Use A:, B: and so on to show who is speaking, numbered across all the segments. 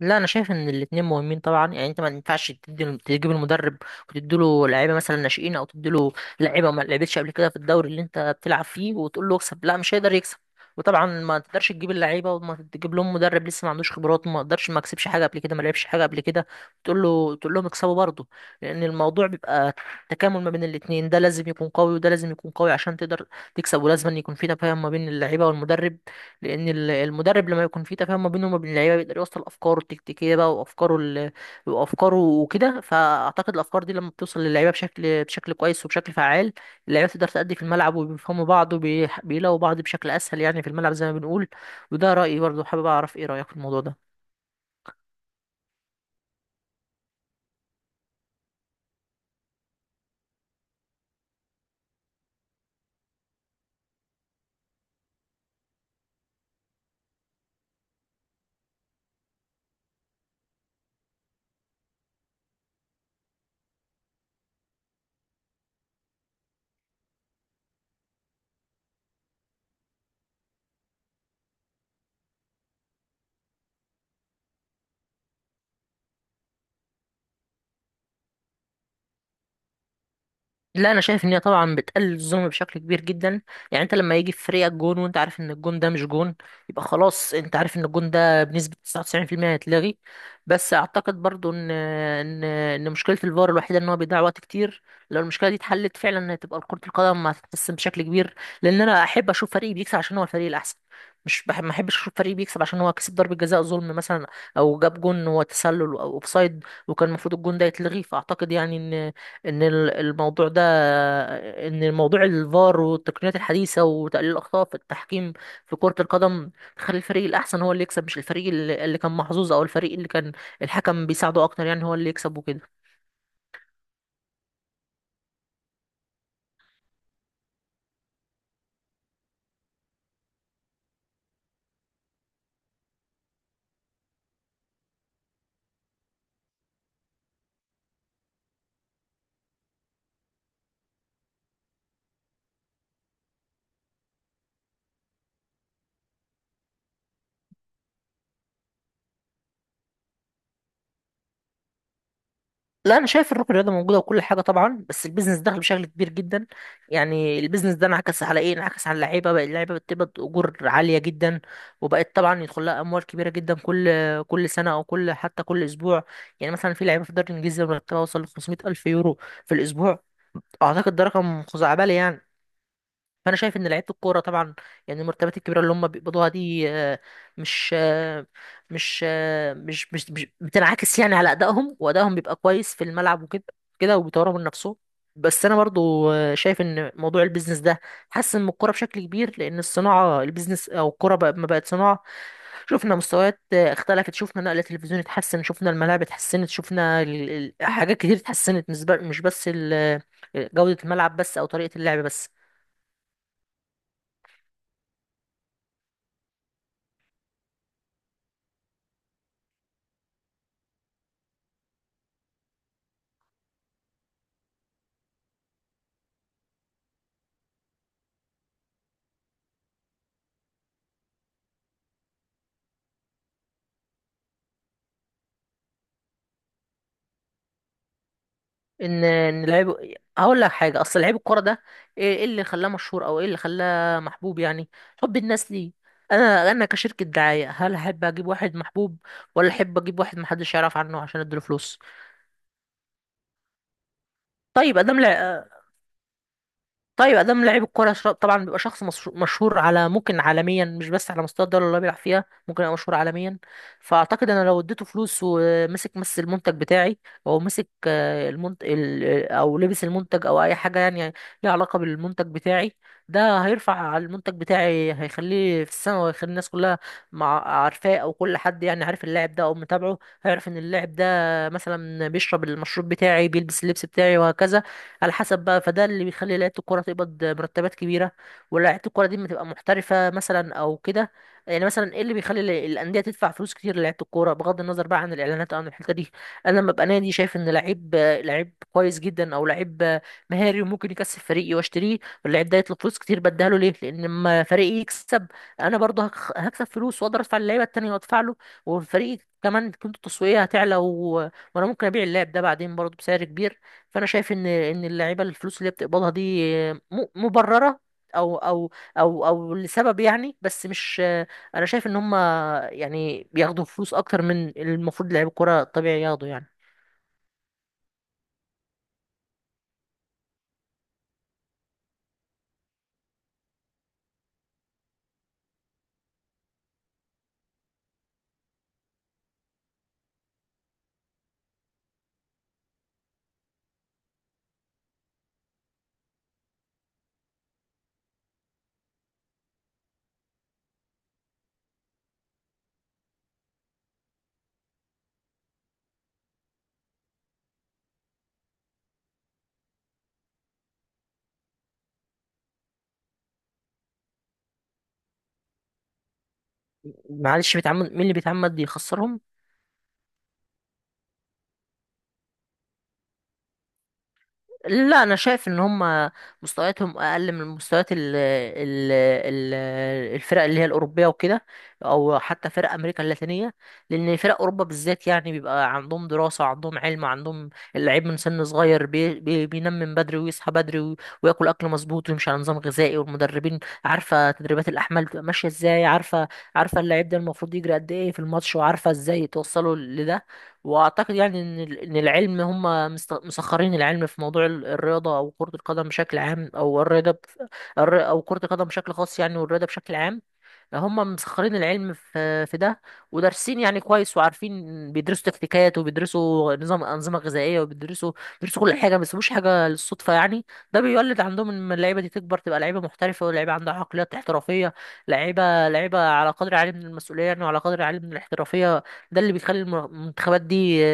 A: لا، انا شايف ان الاتنين مهمين طبعا. يعني انت ما ينفعش تجيب المدرب وتديله لعيبه مثلا ناشئين، او تديله لعيبه ما لعبتش قبل كده في الدوري اللي انت بتلعب فيه وتقول له اكسب، لا مش هيقدر يكسب. وطبعا ما تقدرش تجيب اللعيبه وما تجيب لهم مدرب لسه ما عندوش خبرات وما قدرش، ما كسبش حاجه قبل كده، ما لعبش حاجه قبل كده، تقول لهم اكسبوا برضه، لان الموضوع بيبقى تكامل ما بين الاتنين، ده لازم يكون قوي وده لازم يكون قوي عشان تقدر تكسب. ولازم أن يكون في تفاهم ما بين اللعيبه والمدرب، لان المدرب لما يكون في تفاهم ما بينه وما بين اللعيبه بيقدر يوصل افكاره التكتيكيه بقى وافكاره وكده. فاعتقد الافكار دي لما بتوصل للعيبه بشكل كويس وبشكل فعال، اللعيبه تقدر تأدي في الملعب وبيفهموا بعض وبيلاقوا بعض بشكل اسهل، يعني في الملعب زي ما بنقول. وده رأيي، برضه حابب اعرف ايه رأيك في الموضوع ده. لا، انا شايف ان هي طبعا بتقلل الظلم بشكل كبير جدا. يعني انت لما يجي في فريقك جون وانت عارف ان الجون ده مش جون، يبقى خلاص انت عارف ان الجون ده بنسبة 99% هيتلغي. بس اعتقد برضو ان مشكلة الفار الوحيدة ان هو بيضيع وقت كتير. لو المشكلة دي اتحلت فعلا، هتبقى كرة القدم هتتحسن بشكل كبير، لان انا احب اشوف فريقي بيكسب عشان هو الفريق الاحسن، مش بحب ما احبش اشوف فريقي بيكسب عشان هو كسب ضربة جزاء ظلم مثلا، او جاب جون هو تسلل او اوفسايد وكان المفروض الجون ده يتلغي. فاعتقد يعني ان ال- الموضوع ده ان الموضوع الفار والتقنيات الحديثه وتقليل الاخطاء في التحكيم في كره القدم تخلي الفريق الاحسن هو اللي يكسب، مش الفريق اللي كان محظوظ او الفريق اللي كان الحكم بيساعده اكتر، يعني هو اللي يكسب وكده. لا، انا شايف الروح الرياضه موجوده وكل حاجه طبعا، بس البيزنس دخل بشكل كبير جدا. يعني البيزنس ده انعكس على ايه؟ انعكس على اللعيبه بقى، اللعيبه بتقبض اجور عاليه جدا، وبقت طبعا يدخل لها اموال كبيره جدا كل سنه، او كل، حتى كل اسبوع. يعني مثلا في لعيبه في الدوري الانجليزي مرتبها وصل ل 500 الف يورو في الاسبوع، اعتقد ده رقم خزعبلي يعني. فانا شايف ان لعيبه الكوره طبعا، يعني المرتبات الكبيره اللي هم بيقبضوها دي مش آه، مش بتنعكس يعني على ادائهم، وادائهم بيبقى كويس في الملعب وكده كده، وبيطوروا من نفسهم. بس انا برضو شايف ان موضوع البيزنس ده حسن من الكوره بشكل كبير، لان الصناعه، البيزنس او الكوره بقى ما بقت صناعه، شفنا مستويات اختلفت، شفنا نقل التلفزيون اتحسن، شفنا الملاعب اتحسنت، شفنا حاجات كتير اتحسنت، مش بس جودة الملعب بس او طريقة اللعب بس. ان ان لعيب هقول لك حاجه، اصل لعيب الكوره ده إيه اللي خلاه مشهور او ايه اللي خلاه محبوب؟ يعني حب الناس ليه؟ انا كشركه دعايه هل احب اجيب واحد محبوب، ولا احب اجيب واحد محدش يعرف عنه عشان اديله فلوس؟ طيب ادام طيب ادام لعيب الكوره، طبعا بيبقى شخص مشهور على، ممكن عالميا، مش بس على مستوى الدوله اللي هو بيلعب فيها، ممكن يبقى مشهور عالميا. فاعتقد انا لو اديته فلوس ومسك المنتج بتاعي، او مسك او لبس المنتج او اي حاجه يعني ليها علاقه بالمنتج بتاعي، ده هيرفع على المنتج بتاعي، هيخليه في السماء، وهيخلي الناس كلها، مع عارفاه او كل حد يعني عارف اللاعب ده او متابعه، هيعرف ان اللاعب ده مثلا بيشرب المشروب بتاعي، بيلبس اللبس بتاعي، وهكذا على حسب بقى. فده اللي بيخلي لعيبه الكوره تقبض مرتبات كبيره، ولاعيبه الكوره دي ما تبقى محترفه مثلا او كده. يعني مثلا ايه اللي بيخلي الانديه تدفع فلوس كتير للعيبه الكوره؟ بغض النظر بقى عن الاعلانات او عن الحته دي، انا لما ابقى نادي شايف ان لعيب كويس جدا، او لعيب مهاري وممكن يكسب فريقي، واشتريه واللعيب ده يطلب فلوس كتير، بديها له ليه؟ لان لما فريقي يكسب انا برضه هكسب فلوس، واقدر ادفع للعيبه التانيه وادفع له، والفريق كمان قيمته التسويقيه هتعلى وانا ممكن ابيع اللاعب ده بعدين برضه بسعر كبير. فانا شايف ان اللعيبه الفلوس اللي هي بتقبضها دي م- مبرره او او او لسبب يعني، بس مش، انا شايف ان هم يعني بياخدوا فلوس اكتر من المفروض لعيب الكوره الطبيعي ياخدوا يعني. معلش، بيتعمد؟ مين اللي بيتعمد يخسرهم؟ لا، انا شايف ان هم مستوياتهم اقل من مستويات ال الفرق اللي هي الاوروبيه وكده، او حتى فرق امريكا اللاتينيه، لان فرق اوروبا بالذات يعني بيبقى عندهم دراسه، عندهم علم، عندهم اللعيب من سن صغير، بي بي بينام من بدري ويصحى بدري، وياكل اكل مظبوط، ويمشي على نظام غذائي، والمدربين عارفه تدريبات الاحمال بتبقى ماشيه ازاي، عارفه اللعيب ده المفروض يجري قد ايه في الماتش، وعارفه ازاي توصله لده. واعتقد يعني ان ان العلم، هم مسخرين العلم في موضوع الرياضه، او كره القدم بشكل عام، او الرياضه او كره القدم بشكل خاص يعني، والرياضه بشكل عام، هم مسخرين العلم في ده. ودارسين يعني كويس، وعارفين، بيدرسوا تكتيكات، وبيدرسوا انظمه غذائيه، بيدرسوا كل حاجه، ما بيسيبوش حاجه للصدفه يعني. ده بيولد عندهم ان اللعيبه دي تكبر، تبقى لعيبه محترفه، ولعيبه عندها عقليات احترافيه، لعيبه على قدر عالي من المسؤوليه يعني، وعلى قدر عالي من الاحترافيه. ده اللي بيخلي المنتخبات دي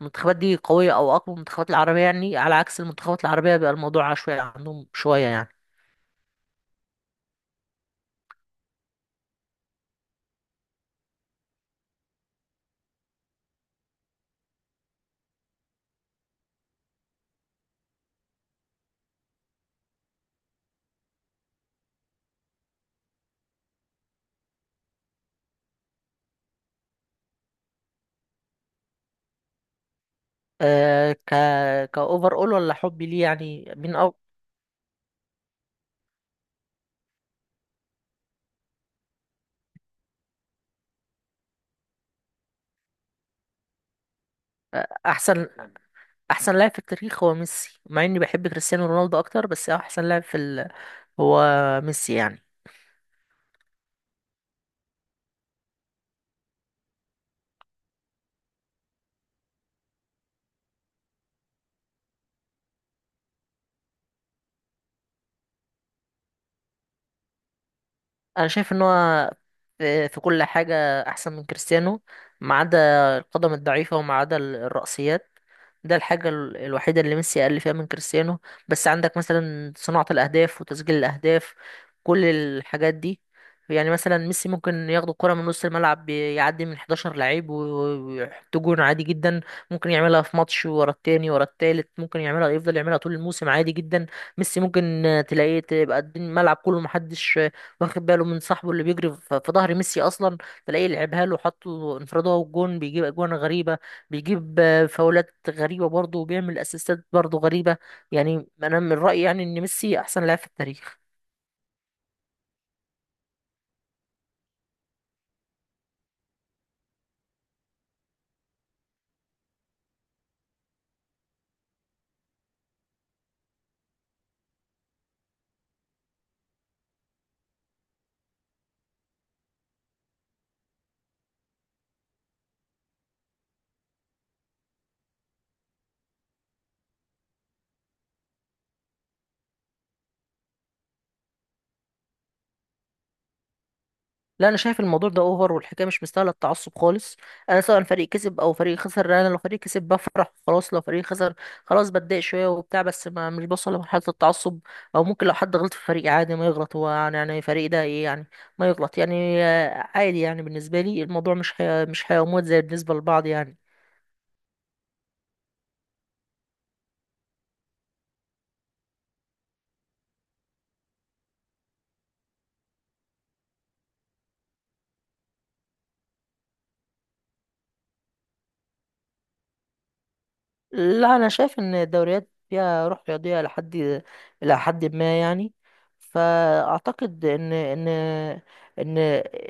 A: المنتخبات دي قوية، أو أقوى من المنتخبات العربية يعني، على عكس المنتخبات العربية بيبقى الموضوع عشوائي عندهم شوية يعني. أه ك كأوفر أول، ولا حبي ليه يعني؟ مين أو، أحسن؟ أحسن لاعب في التاريخ هو ميسي، مع إني بحب كريستيانو رونالدو أكتر، بس أحسن لاعب في هو ميسي يعني. انا شايف ان هو في كل حاجه احسن من كريستيانو، ما عدا القدم الضعيفه، وما عدا الرأسيات، ده الحاجه الوحيده اللي ميسي اقل فيها من كريستيانو، بس عندك مثلا صناعه الاهداف وتسجيل الاهداف، كل الحاجات دي. يعني مثلا ميسي ممكن ياخد الكرة من نص الملعب، يعدي من 11 لعيب ويحط جون عادي جدا، ممكن يعملها في ماتش ورا التاني ورا التالت، ممكن يعملها، يفضل يعملها طول الموسم عادي جدا. ميسي ممكن تلاقيه تبقى الملعب كله محدش واخد باله من صاحبه اللي بيجري في في ظهر ميسي اصلا، تلاقيه لعبها له، حط له انفراد، هو الجون، بيجيب اجوان غريبه، بيجيب فاولات غريبه برضه، وبيعمل اسيستات برضه غريبه. يعني انا من رايي يعني ان ميسي احسن لاعب في التاريخ. لا، انا شايف الموضوع ده اوفر، والحكايه مش مستاهله التعصب خالص. انا سواء فريق كسب او فريق خسر، انا لو فريق كسب بفرح خلاص، لو فريق خسر خلاص بتضايق شويه وبتاع، بس ما مش بوصل لمرحله التعصب، او ممكن لو حد غلط في فريقي عادي ما يغلط هو يعني، يعني فريق ده ايه يعني، ما يغلط يعني عادي يعني. بالنسبه لي الموضوع مش حياه، مش حياه وموت زي بالنسبه لبعض يعني. لا، انا شايف ان الدوريات فيها روح رياضيه لحد، الى حد ما يعني. فاعتقد ان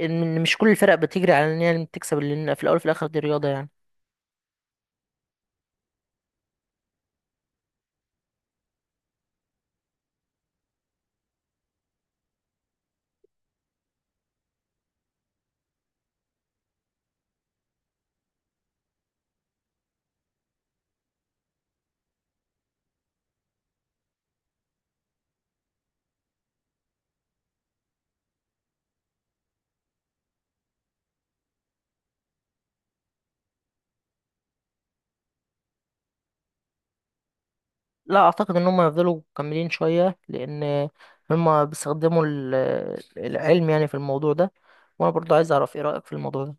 A: ان مش كل الفرق بتجري على ان هي تكسب، لان في الاول وفي الاخر دي رياضه يعني. لا، اعتقد ان هم يفضلوا مكملين شويه، لان هم بيستخدموا العلم يعني في الموضوع ده، وانا برضو عايز اعرف ايه رايك في الموضوع ده.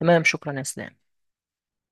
A: تمام، شكرا يا اسلام.